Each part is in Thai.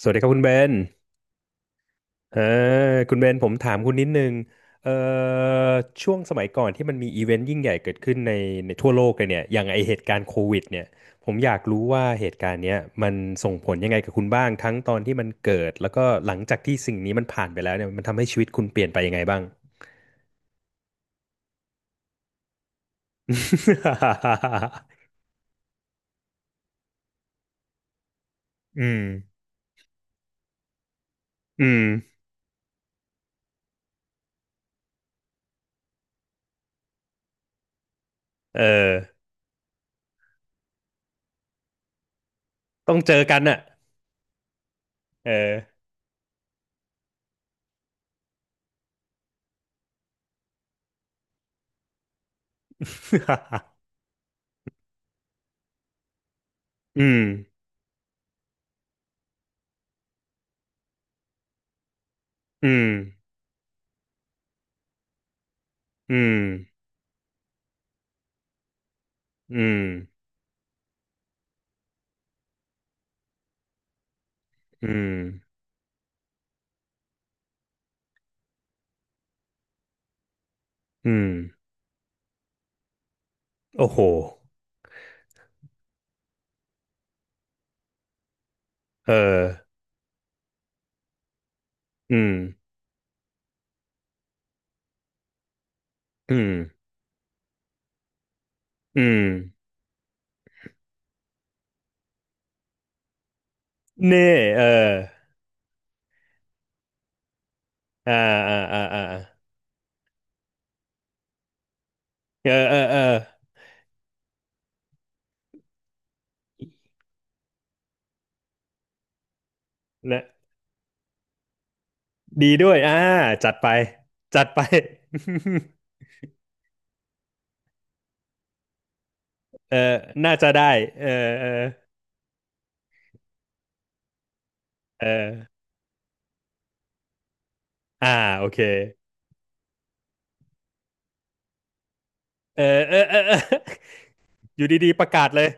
สวัสดีครับคุณเบนเออคุณเบนผมถามคุณนิดนึงเอ่อช่วงสมัยก่อนที่มันมีอีเวนต์ยิ่งใหญ่เกิดขึ้นในทั่วโลกเลยเนี่ยอย่างไอเหตุการณ์โควิดเนี่ยผมอยากรู้ว่าเหตุการณ์เนี้ยมันส่งผลยังไงกับคุณบ้าง ทั้งตอนที่มันเกิด แล้วก็หลังจากที่สิ่งนี้มันผ่านไปแล้วเนี่ยมันทำให้ชีวิตคุณเปลี่ยนไปยังไงบ้าง อืมอืมเออต้องเจอกันน่ะเออ อืม อืมอืมอืมอืมอืมอืม โอ้โหเอออืมอืมอืมเน่เอออ่าอ่าอ่าอ่าเออเออเออนะดีด้วยอ่าจัดไปจัดไป เออน่าจะได้เออเออเอออ่าโอเคเออเออเออเออ อยู่ดีๆประกาศเลย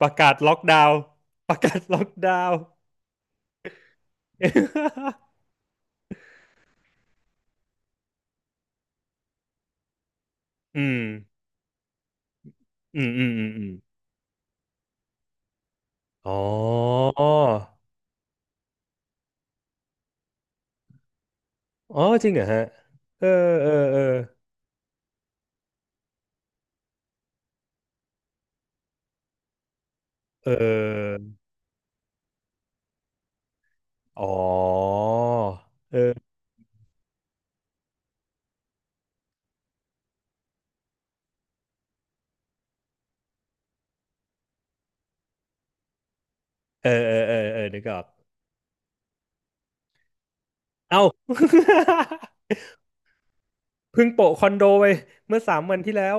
ประกาศล็อกดาวน์ ประกาศล็อกดาวน์ อืมอืมอืมอืมอืมอ๋ออ๋อจริงเหรอฮะเออเออเออ เออ อ๋อเออเออเออเออเออนึกออกเอ้า เพิ่งโปะคอนโดไปเมื่อสามวันที่แล้ว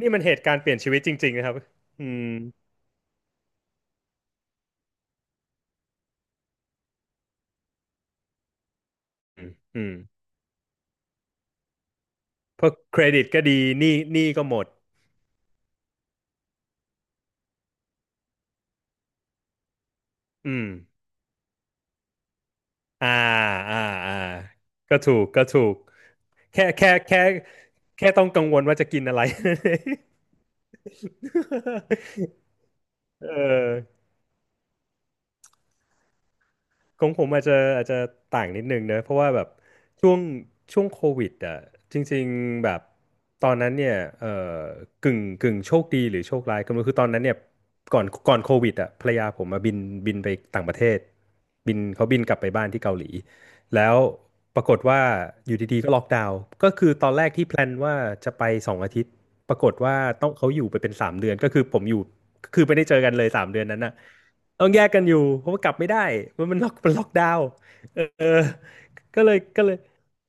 นี่มันเหตุการณ์เปลี่ยนชีวิตจริงๆนะครับอืมอืมอืมเพราะเครดิตก็ดีหนี้ก็หมด อืมอ่าอ่าอ่าก็ถูกก็ถูก แค่แค่แค่แค่ต้องกังวลว่าจะกินอะไร เออ ของผมอาจจะต่างนิดนึงเนอะเพราะว่าแบบช่วงช่วงโควิดอ่ะจริงๆแบบตอนนั้นเนี่ยอกึ่งกึ่งโชคดีหรือโชคร้ายก็ไม่รู้คือตอนนั้นเนี่ยก่อนโควิดอ่ะภรรยาผมมาบินไปต่างประเทศเขาบินกลับไปบ้านที่เกาหลีแล้วปรากฏว่าอยู่ดีๆก็ล็อกดาวน์ก็คือตอนแรกที่แพลนว่าจะไปสองอาทิตย์ปรากฏว่าต้องเขาอยู่ไปเป็นสามเดือนก็คือผมอยู่คือไม่ได้เจอกันเลยสามเดือนนั้นน่ะ ต้องแยกกันอยู่เพราะว่ากลับไม่ได้เพราะมันล็อกดาวน์เออก็เลย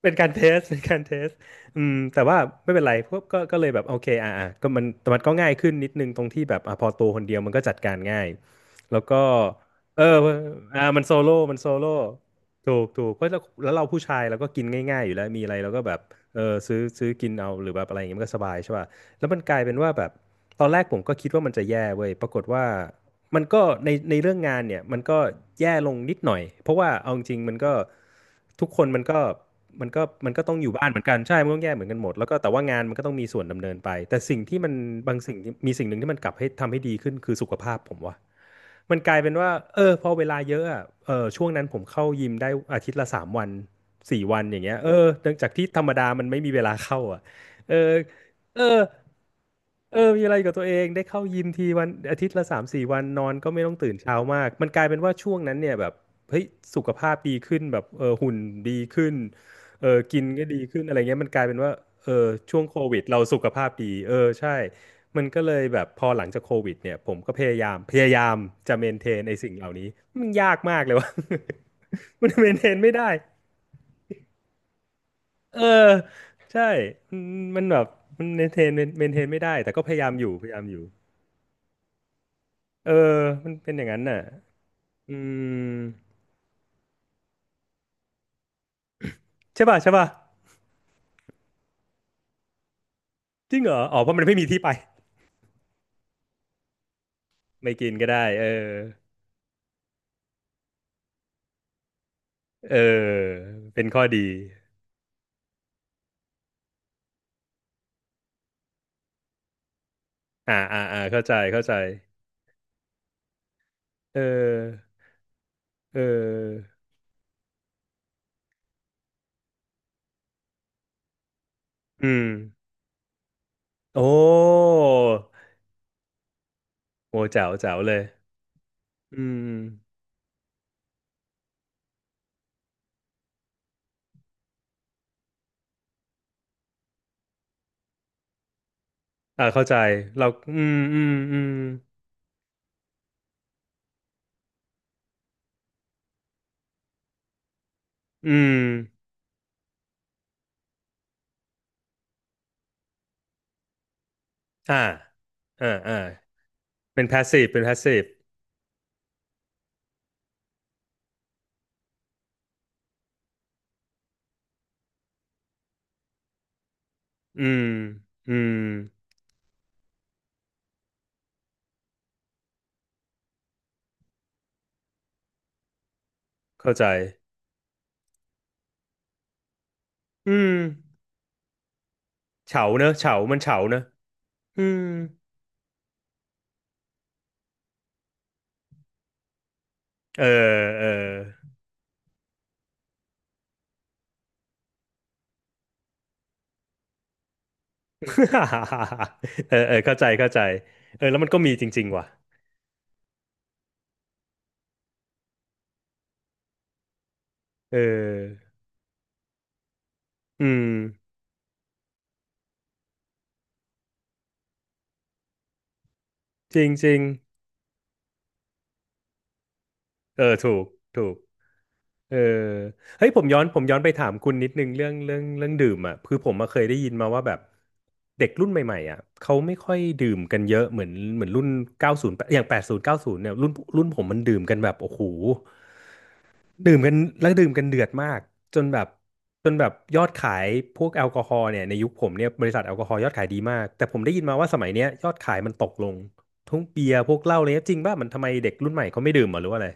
เป็นการเทสเป็นการเทสอืมแต่ว่าไม่เป็นไรพวกก็เลยแบบโอเคอ่าอ่าก็มันแต่มันก็ง่ายขึ้นนิดนึงตรงที่แบบอ่ะพอตัวคนเดียวมันก็จัดการง่ายแล้วก็เอออ่ามันโซโล่มันโซโล่ถูกถูกเพราะแล้วเราผู้ชายเราก็กินง่ายๆอยู่แล้วมีอะไรเราก็แบบเออซื้อกินเอาหรือแบบอะไรอย่างเงี้ยมันก็สบายใช่ป่ะแล้วมันกลายเป็นว่าแบบตอนแรกผมก็คิดว่ามันจะแย่เว้ยปรากฏว่า มันก็ในเรื่องงานเนี่ยมันก็แย่ลงนิดหน่อยเพราะว่าเอาจริงๆมันก็ทุกคนมันก็ต้องอยู่บ้านเหมือนกันใช่มันต้องแย่เหมือนกันหมดแล้วก็แต่ว่างานมันก็ต้องมีส่วนดำเนินไปแต่สิ่งที่มันบางสิ่งที่มีสิ่งหนึ่งที่มันกลับให้ทำให้ดีขึ้นคือสุขภาพผมว่ามันกลายเป็นว่าเออพอเวลาเยอะอะเออช่วงนั้นผมเข้ายิมได้อาทิตย์ละสามวันสี่วันอย่างเงี้ยเออจากที่ธรรมดามันไม่มีเวลาเข้าอ่ะเออ เออเออมีอะไรกับตัวเองได้เข้ายิมทีวันอาทิตย์ละสามสี่วันนอนก็ไม่ต้องตื่นเช้ามากมันกลายเป็นว่าช่วงนั้นเนี่ยแบบเฮ้ยสุขภาพดีขึ้นแบบเออหุ่นดีขึ้นเออกินก็ดีขึ้นอะไรเงี้ยมันกลายเป็นว่าเออช่วงโควิดเราสุขภาพดีเออใช่มันก็เลยแบบพอหลังจากโควิดเนี่ยผมก็พยายามจะเมนเทนไอ้สิ่งเหล่านี้มันยากมากเลยวะ มันเมนเทนไม่ได้เออใช่มันมันแบบมันเมนเทนไม่ได้แต่ก็พยายามอยู่พยายามอยู่ เออมันเป็นอย่างนั้นน่ะอืมใช่ป่ะใช่ป่ะจริงเหรออ๋อเพราะมันไม่มีที่ไปไม่กินก็ได้เออเออเป็นข้อดีอ่าอ่าอ่าเข้าใจเข้าใจเออเอออืมโอ้โหแจ๋วแจ๋วเลยอืมอ่าเข้าใจเราอืมอืมอืมอืมอ่าอ่าอ่าเป็น passive เป็น passive อืมอืมเข้าใจอืมเฉาเนอะเฉามันเฉาเนอะ อืมเออ เออ เออเออเข้าใจเข้าใจเออแล้วมันก็มีจริงๆ ว่ะเอออืม จริงจริงเออ ถูกถูกเออเฮ้ยผมย้อนไปถามคุณนิดนึงเรื่องดื่มอ่ะคือผมมาเคยได้ยินมาว่าแบบเด็กรุ่นใหม่ๆอ่ะเขาไม่ค่อยดื่มกันเยอะเหมือนรุ่นเก้ายอย่างแปดศูเก้าสิบเนี่ยรุ่นผมมันดื่มกันแบบโอ้โห ดื่มกันแล้วดื่มกันเดือดมากจนแบบจนแบบยอดขายพวกแอลกอฮอล์เนี่ยในยุคผมเนี่ยบริษัทแอลกอฮอล์ยอดขายดีมากแต่ผมได้ยินมาว่าสมัยเนี้ยยอดขายมันตกลงทั้งเบียร์พวกเหล้าอะไรเลยจริงป่ะมันทำไมเด็กรุ่นใหม่เขาไม่ดื่มเหรอหรือว่าอะไร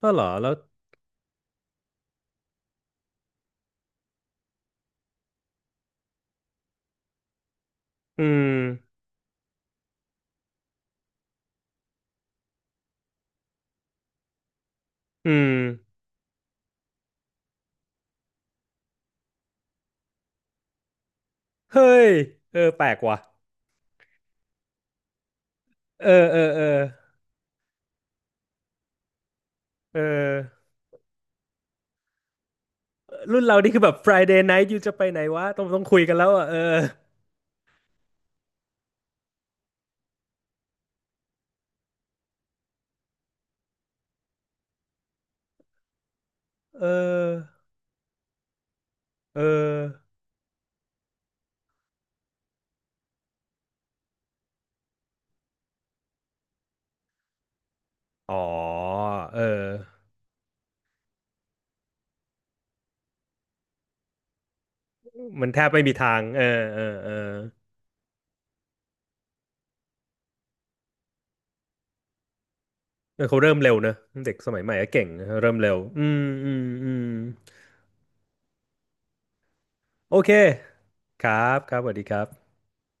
ก็เหรอแล้วอืมอืมเฮ้ยเออแปลกว่ะเออเออเออเออรุ่นเรานี่คือแบบ Friday night อยู่จะไปไหนวะต้องคุยกันแล้วอ่ะเออเออเอออ๋อเออ มันแทบไม่มีทางเออเออเออเออเขาเริ่มเร็วเนอะเด็กสมัยใหม่ก็เก่งนะเริ่มเร็ว อืม อืม อืม โอเค ครับครับสวัสดีครับ